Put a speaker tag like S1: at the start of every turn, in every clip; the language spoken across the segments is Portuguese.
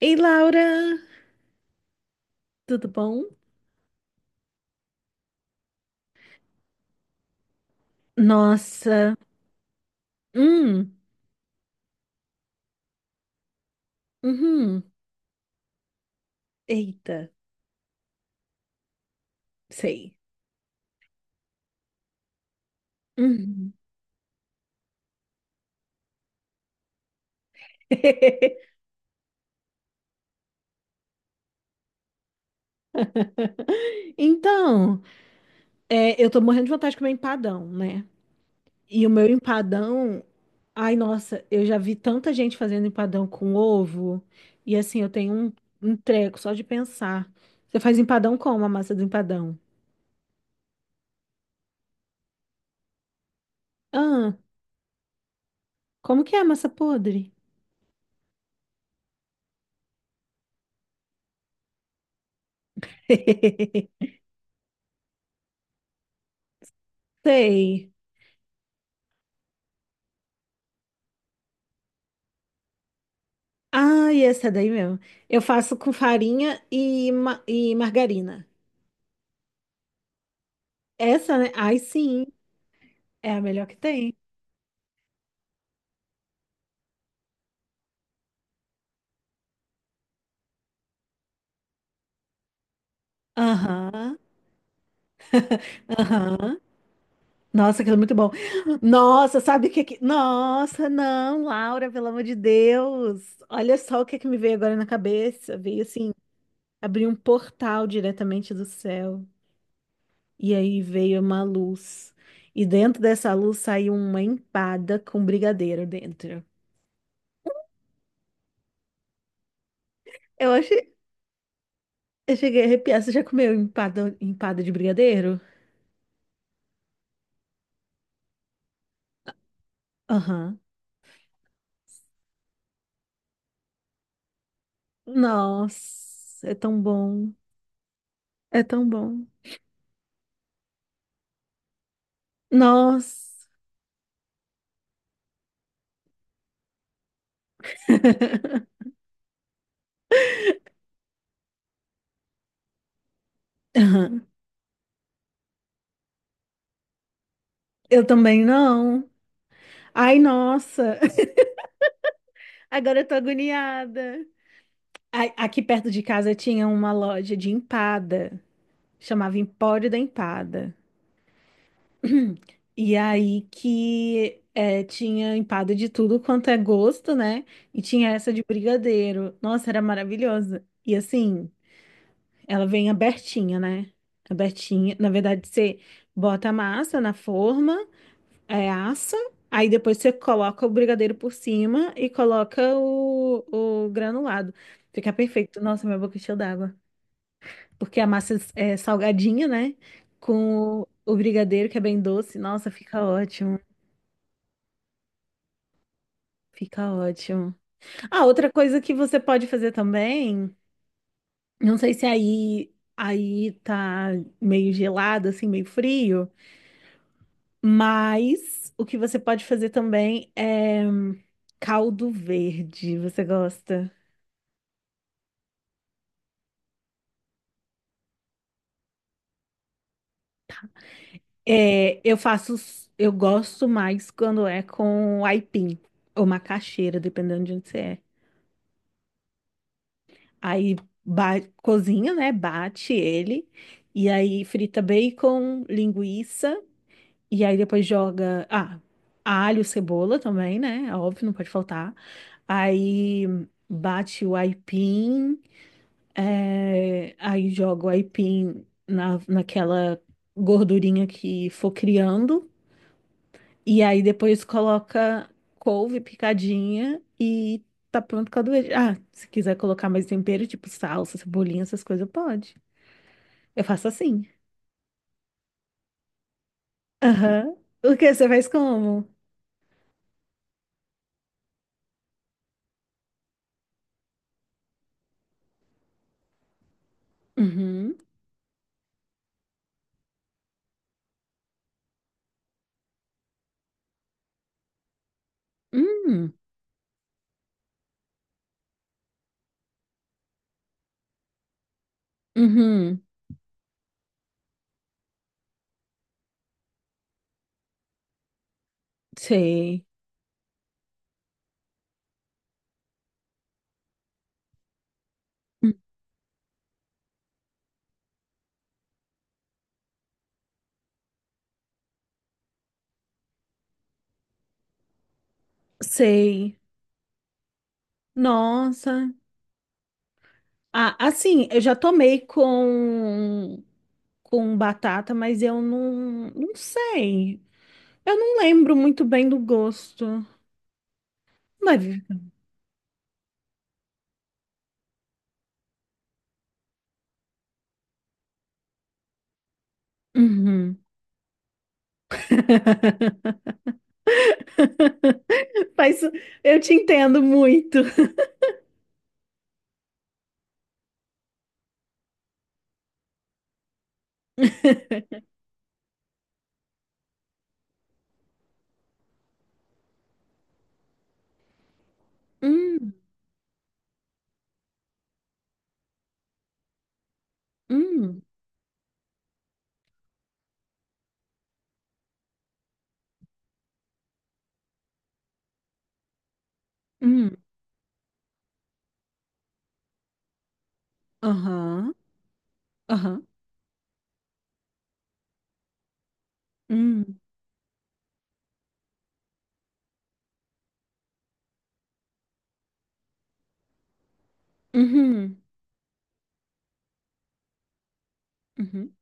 S1: Ei, Laura, tudo bom? Nossa, hum, uhum, eita, sei. Uhum. Então, eu tô morrendo de vontade de comer empadão, né? E o meu empadão, ai, nossa, eu já vi tanta gente fazendo empadão com ovo, e assim, eu tenho um treco só de pensar. Você faz empadão como a massa do empadão? Ah, como que é a massa podre? Sei. Ah, essa daí mesmo. Eu faço com farinha e, e margarina. Essa, né? Ai, sim, é a melhor que tem. Aham, aham. Nossa, aquilo é muito bom. Nossa, sabe o que que... Nossa, não, Laura, pelo amor de Deus. Olha só o que que me veio agora na cabeça. Veio assim, abrir um portal diretamente do céu. E aí veio uma luz. E dentro dessa luz saiu uma empada com brigadeiro dentro. Eu achei. Eu cheguei a arrepiar. Você já comeu empada, empada de brigadeiro? Aham. Nossa, é tão bom. É tão bom. Nossa. Aham. Eu também não. Ai, nossa. Agora eu tô agoniada. Ai, aqui perto de casa tinha uma loja de empada. Chamava Empório da Empada. E aí que é, tinha empada de tudo quanto é gosto, né? E tinha essa de brigadeiro. Nossa, era maravilhosa. E assim. Ela vem abertinha, né? Abertinha. Na verdade, você bota a massa na forma, é, assa, aí depois você coloca o brigadeiro por cima e coloca o granulado. Fica perfeito. Nossa, minha boca encheu d'água. Porque a massa é salgadinha, né? Com o brigadeiro, que é bem doce. Nossa, fica ótimo. Fica ótimo. Ah, outra coisa que você pode fazer também, não sei se aí tá meio gelado, assim, meio frio. Mas o que você pode fazer também é caldo verde. Você gosta? É, eu faço, eu gosto mais quando é com aipim ou macaxeira, dependendo de onde você é. Aí cozinha, né? Bate ele e aí frita bacon, linguiça e aí depois joga, ah, alho, cebola também, né? Óbvio, não pode faltar. Aí bate o aipim. É, aí jogo aipim na, naquela gordurinha que for criando. E aí depois coloca couve picadinha e tá pronto com a doença. Ah, se quiser colocar mais tempero, tipo salsa, cebolinha, essas coisas, pode. Eu faço assim. Aham. O que você faz como? Uhum. Hum. Uhum. Sei. Hum. Sei. Nossa. Ah, assim, eu já tomei com batata, mas eu não, não sei. Eu não lembro muito bem do gosto. Deve. Uhum. Mas eu te entendo muito. Hum, hum, hum. Aham, aham. Hum, uhum, uhum,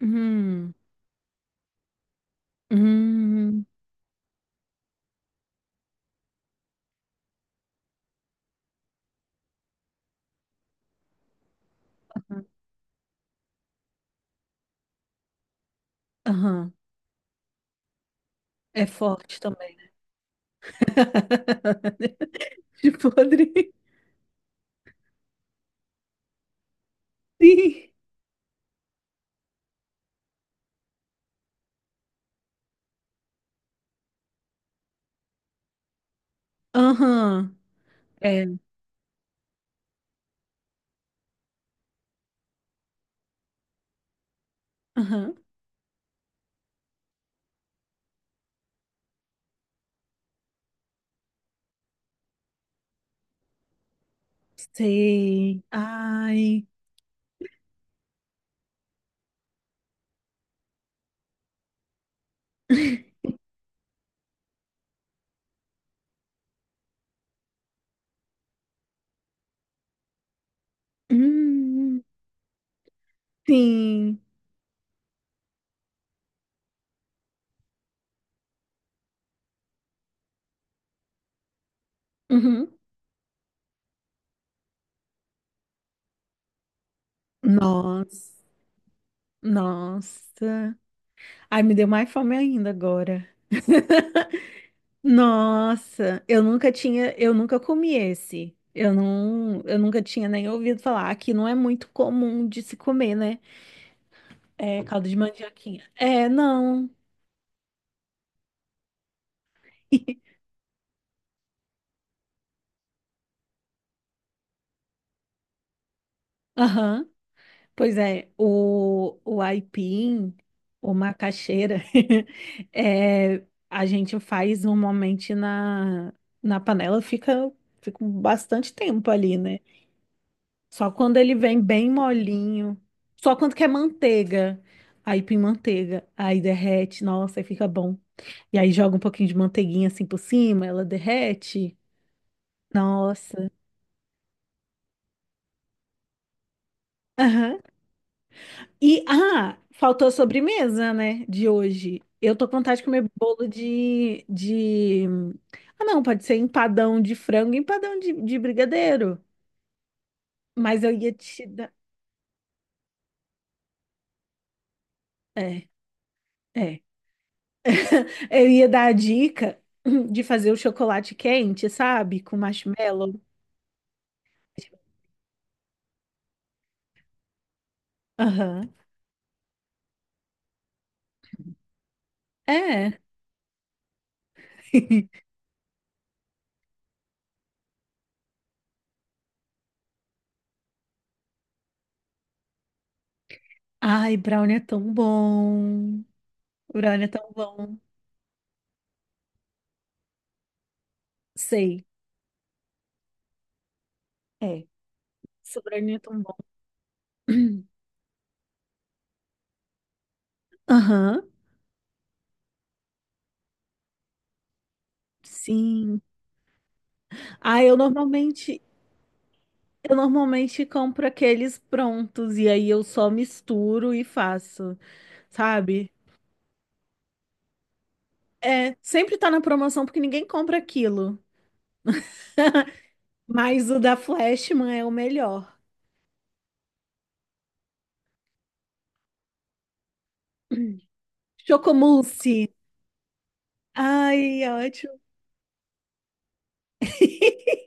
S1: uhum, uhum, aham. É forte também. Né? De podre. Sim. Aham. É. Aham. Sei. Ai. Hum, sim. Uhum. Nossa. Nossa. Ai, me deu mais fome ainda agora. Nossa, eu nunca tinha, eu nunca comi esse. Eu não, eu nunca tinha nem ouvido falar. Aqui não é muito comum de se comer, né? É caldo de mandioquinha. É, não. Aham. Pois é, o aipim, o macaxeira, é, a gente faz normalmente na panela, fica, fica um bastante tempo ali, né? Só quando ele vem bem molinho, só quando quer manteiga, aipim manteiga, aí derrete, nossa, aí fica bom. E aí joga um pouquinho de manteiguinha assim por cima, ela derrete, nossa. E, ah, faltou a sobremesa, né, de hoje. Eu tô com vontade de comer bolo de... Ah, não, pode ser empadão de frango, e empadão de brigadeiro. Mas eu ia te dar... É, é. Eu ia dar a dica de fazer o chocolate quente, sabe? Com marshmallow. Aham. É. Ai, brownie é tão bom. Brownie é tão bom. Sei. É. Esse brownie é tão bom. Aham. Sim. Ah, eu normalmente compro aqueles prontos e aí eu só misturo e faço, sabe? É, sempre tá na promoção porque ninguém compra aquilo. Mas o da Flashman é o melhor. Chocomousse. Ai, ótimo.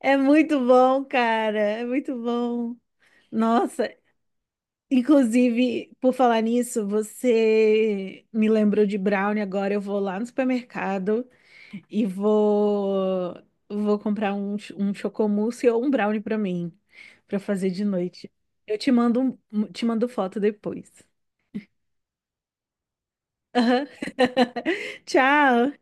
S1: É muito bom, cara. É muito bom. Nossa, inclusive, por falar nisso, você me lembrou de brownie agora. Eu vou lá no supermercado. E vou comprar um, um chocomousse ou um brownie pra mim, pra fazer de noite. Eu te mando te mando foto depois. Aham. Tchau.